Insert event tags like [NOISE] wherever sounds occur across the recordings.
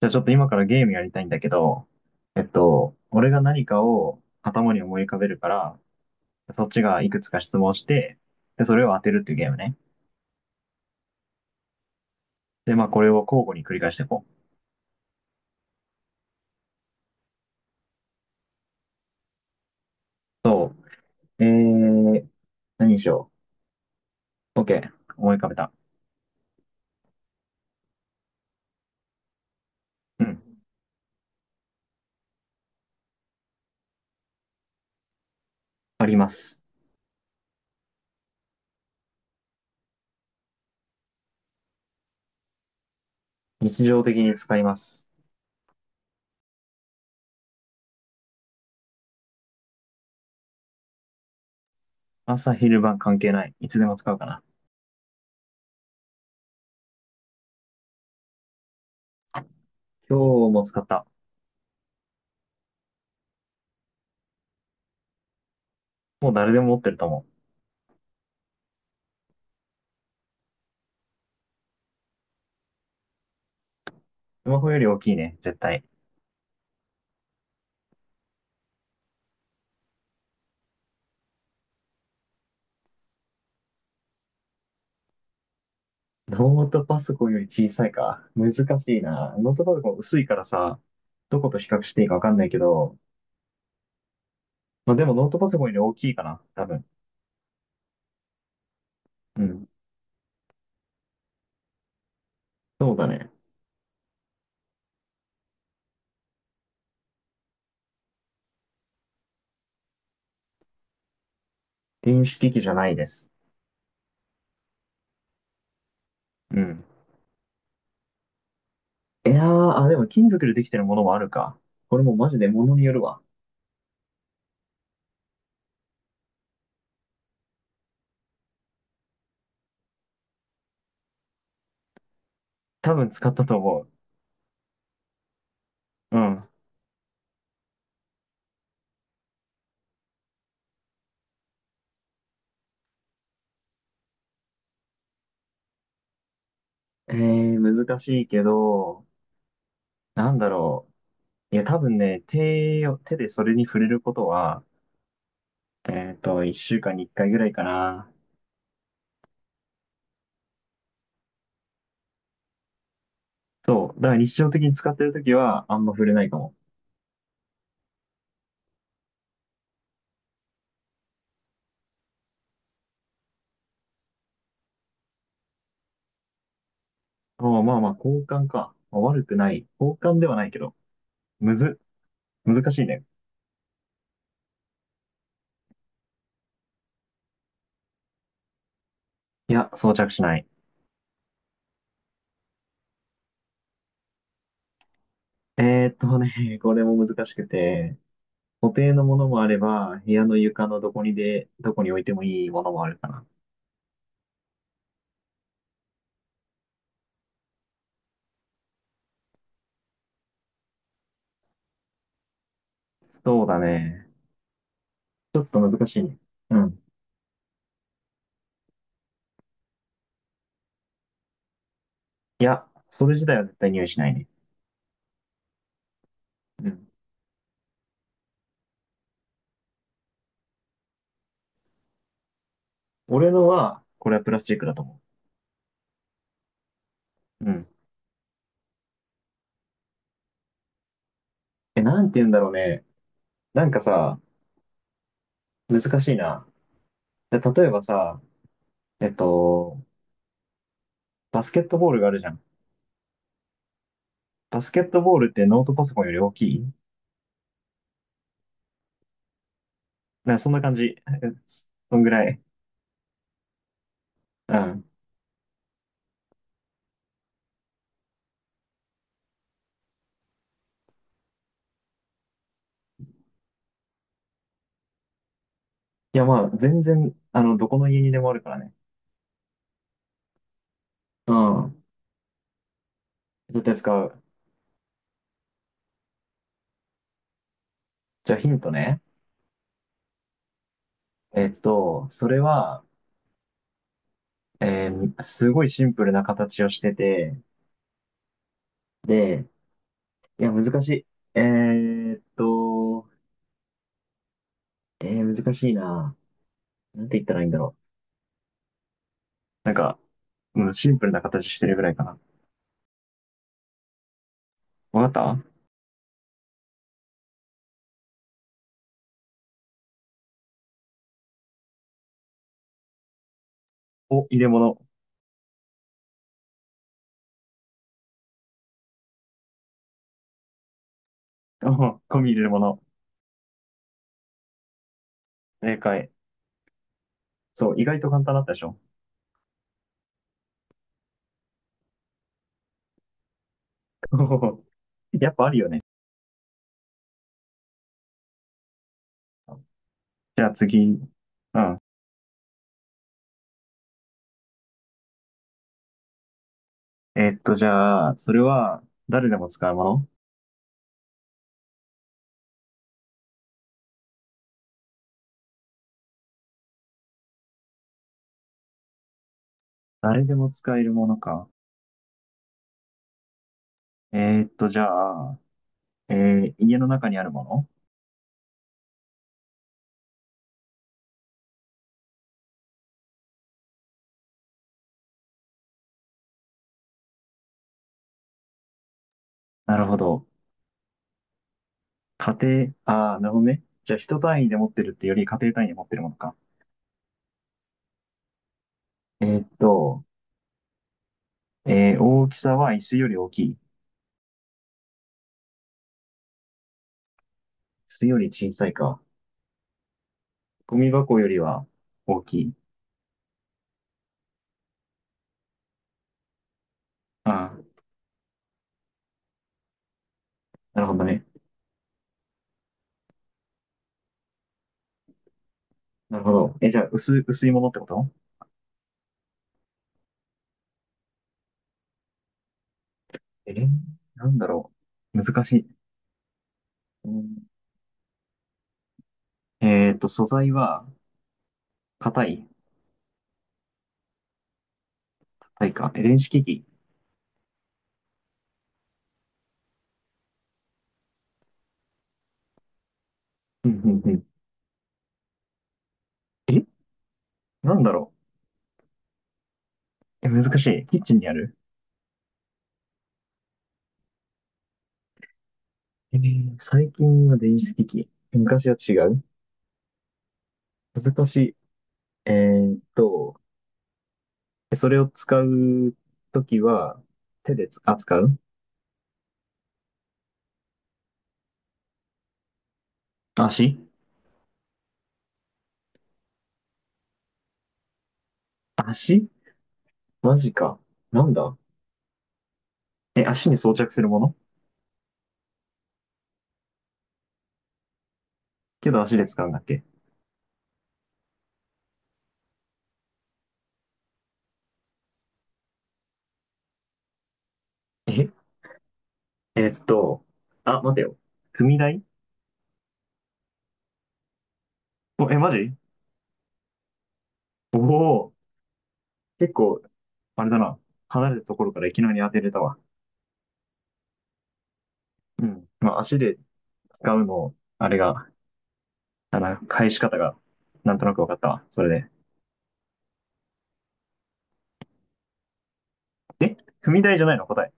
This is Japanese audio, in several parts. じゃあちょっと今からゲームやりたいんだけど、俺が何かを頭に思い浮かべるから、そっちがいくつか質問して、で、それを当てるっていうゲームね。で、まあこれを交互に繰り返していこう。そう。何にしよう。OK。思い浮かべた。うん。あります。日常的に使います。朝昼晩関係ない。いつでも使うかな。今日も使った。もう誰でも持ってると思う。スマホより大きいね、絶対。ノートパソコンより小さいか。難しいな。ノートパソコン薄いからさ、どこと比較していいかわかんないけど、まあでもノートパソコンより大きいかな、多分。うん。そうだね。電子機器じゃないです。うん。いやー、あ、でも金属でできてるものもあるか。これもマジで物によるわ。多分使ったと思う。うん。えー、難しいけど、なんだろう。いや、多分ね、手でそれに触れることは、一週間に一回ぐらいかな。そう。だから日常的に使ってるときは、あんま触れないかも。ああ、まあまあ、交換か。まあ悪くない。交換ではないけど。むず、難しいね。いや、装着しない。ね、[LAUGHS] これも難しくて、固定のものもあれば、部屋の床のどこにで、どこに置いてもいいものもあるかな。そうだね。ちょっと難しいね。うん。いや、それ自体は絶対匂いしないね。うん。俺のは、これはプラスチックだと思う。うん。え、なんて言うんだろうね。なんかさ、難しいな。で例えばさ、えっと、バスケットボールがあるじゃん。バスケットボールってノートパソコンより大きいなんかそんな感じ。[LAUGHS] えそんぐらい。うん。いや、まあ、全然、あの、どこの家にでもあるからね。うん。絶対使う。じゃあヒントね。えっと、それは、すごいシンプルな形をしてて、で、いや、難しい。えーっと、難しいな。なんて言ったらいいんだろう。なんか、うん、シンプルな形してるぐらいかな。わかったお、入れ物。[LAUGHS] お、ゴミ入れるもの。正解。そう、意外と簡単だったでしょ [LAUGHS] やっぱあるよね。じゃあ次。うん。じゃあ、それは誰でも使うもの誰でも使えるものか。じゃあ、家の中にあるものなるほど。家庭、ああ、なるほどね。じゃあ、人単位で持ってるってより家庭単位で持ってるものか。えーっと、大きさは椅子より大きい。椅子より小さいか。ゴミ箱よりは大きい。ああ、なるほどね。なるほど。え、じゃあ、薄いものってことえー、なんだろう。難しい。うんえっと、素材は、硬い、硬いか。え電子機器。うんうんうんえなんだろう。え、難しい。キッチンにある最近は電子機器。昔は違う難しい。えーっと、それを使うときは、手でつ、扱う足足マジか。なんだえ、足に装着するものけど足で使うんだっけえ、えーっと、あ、待てよ。踏み台お、え、マジおお、結構、あれだな。離れたところからいきなり当てれたわ。うん。まあ、足で使うの、あれが、あの、返し方が、なんとなく分かったわ。それで。え踏み台じゃないの答え。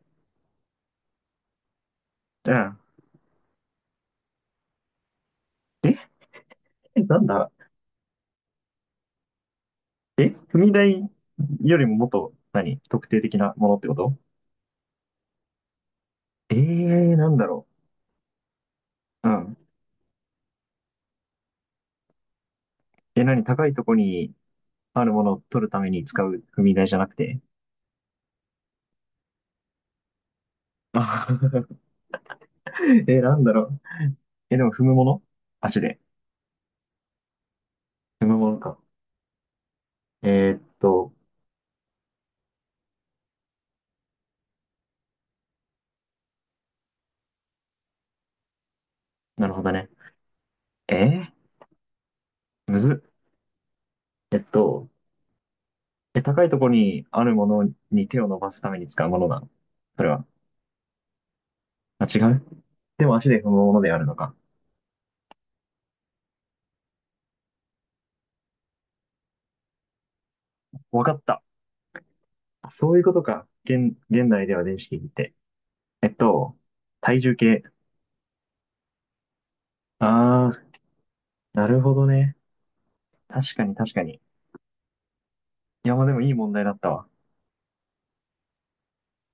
うん。えなんだえ踏み台よりももっと、何特定的なものってことなんだろう。うん。え、何高いとこにあるものを取るために使う踏み台じゃなくてあ [LAUGHS] え、なんだろう。え、でも踏むもの足で。踏むものか。えーっと、なるほどね。えー、むずっ。えっと、え、高いところにあるものに手を伸ばすために使うものなのそれは。あ、違うでも足で踏むものであるのか。わかった。そういうことか。現代では電子機器って。えっと、体重計。あー、なるほどね。確かに確かに。いや、まあでもいい問題だったわ。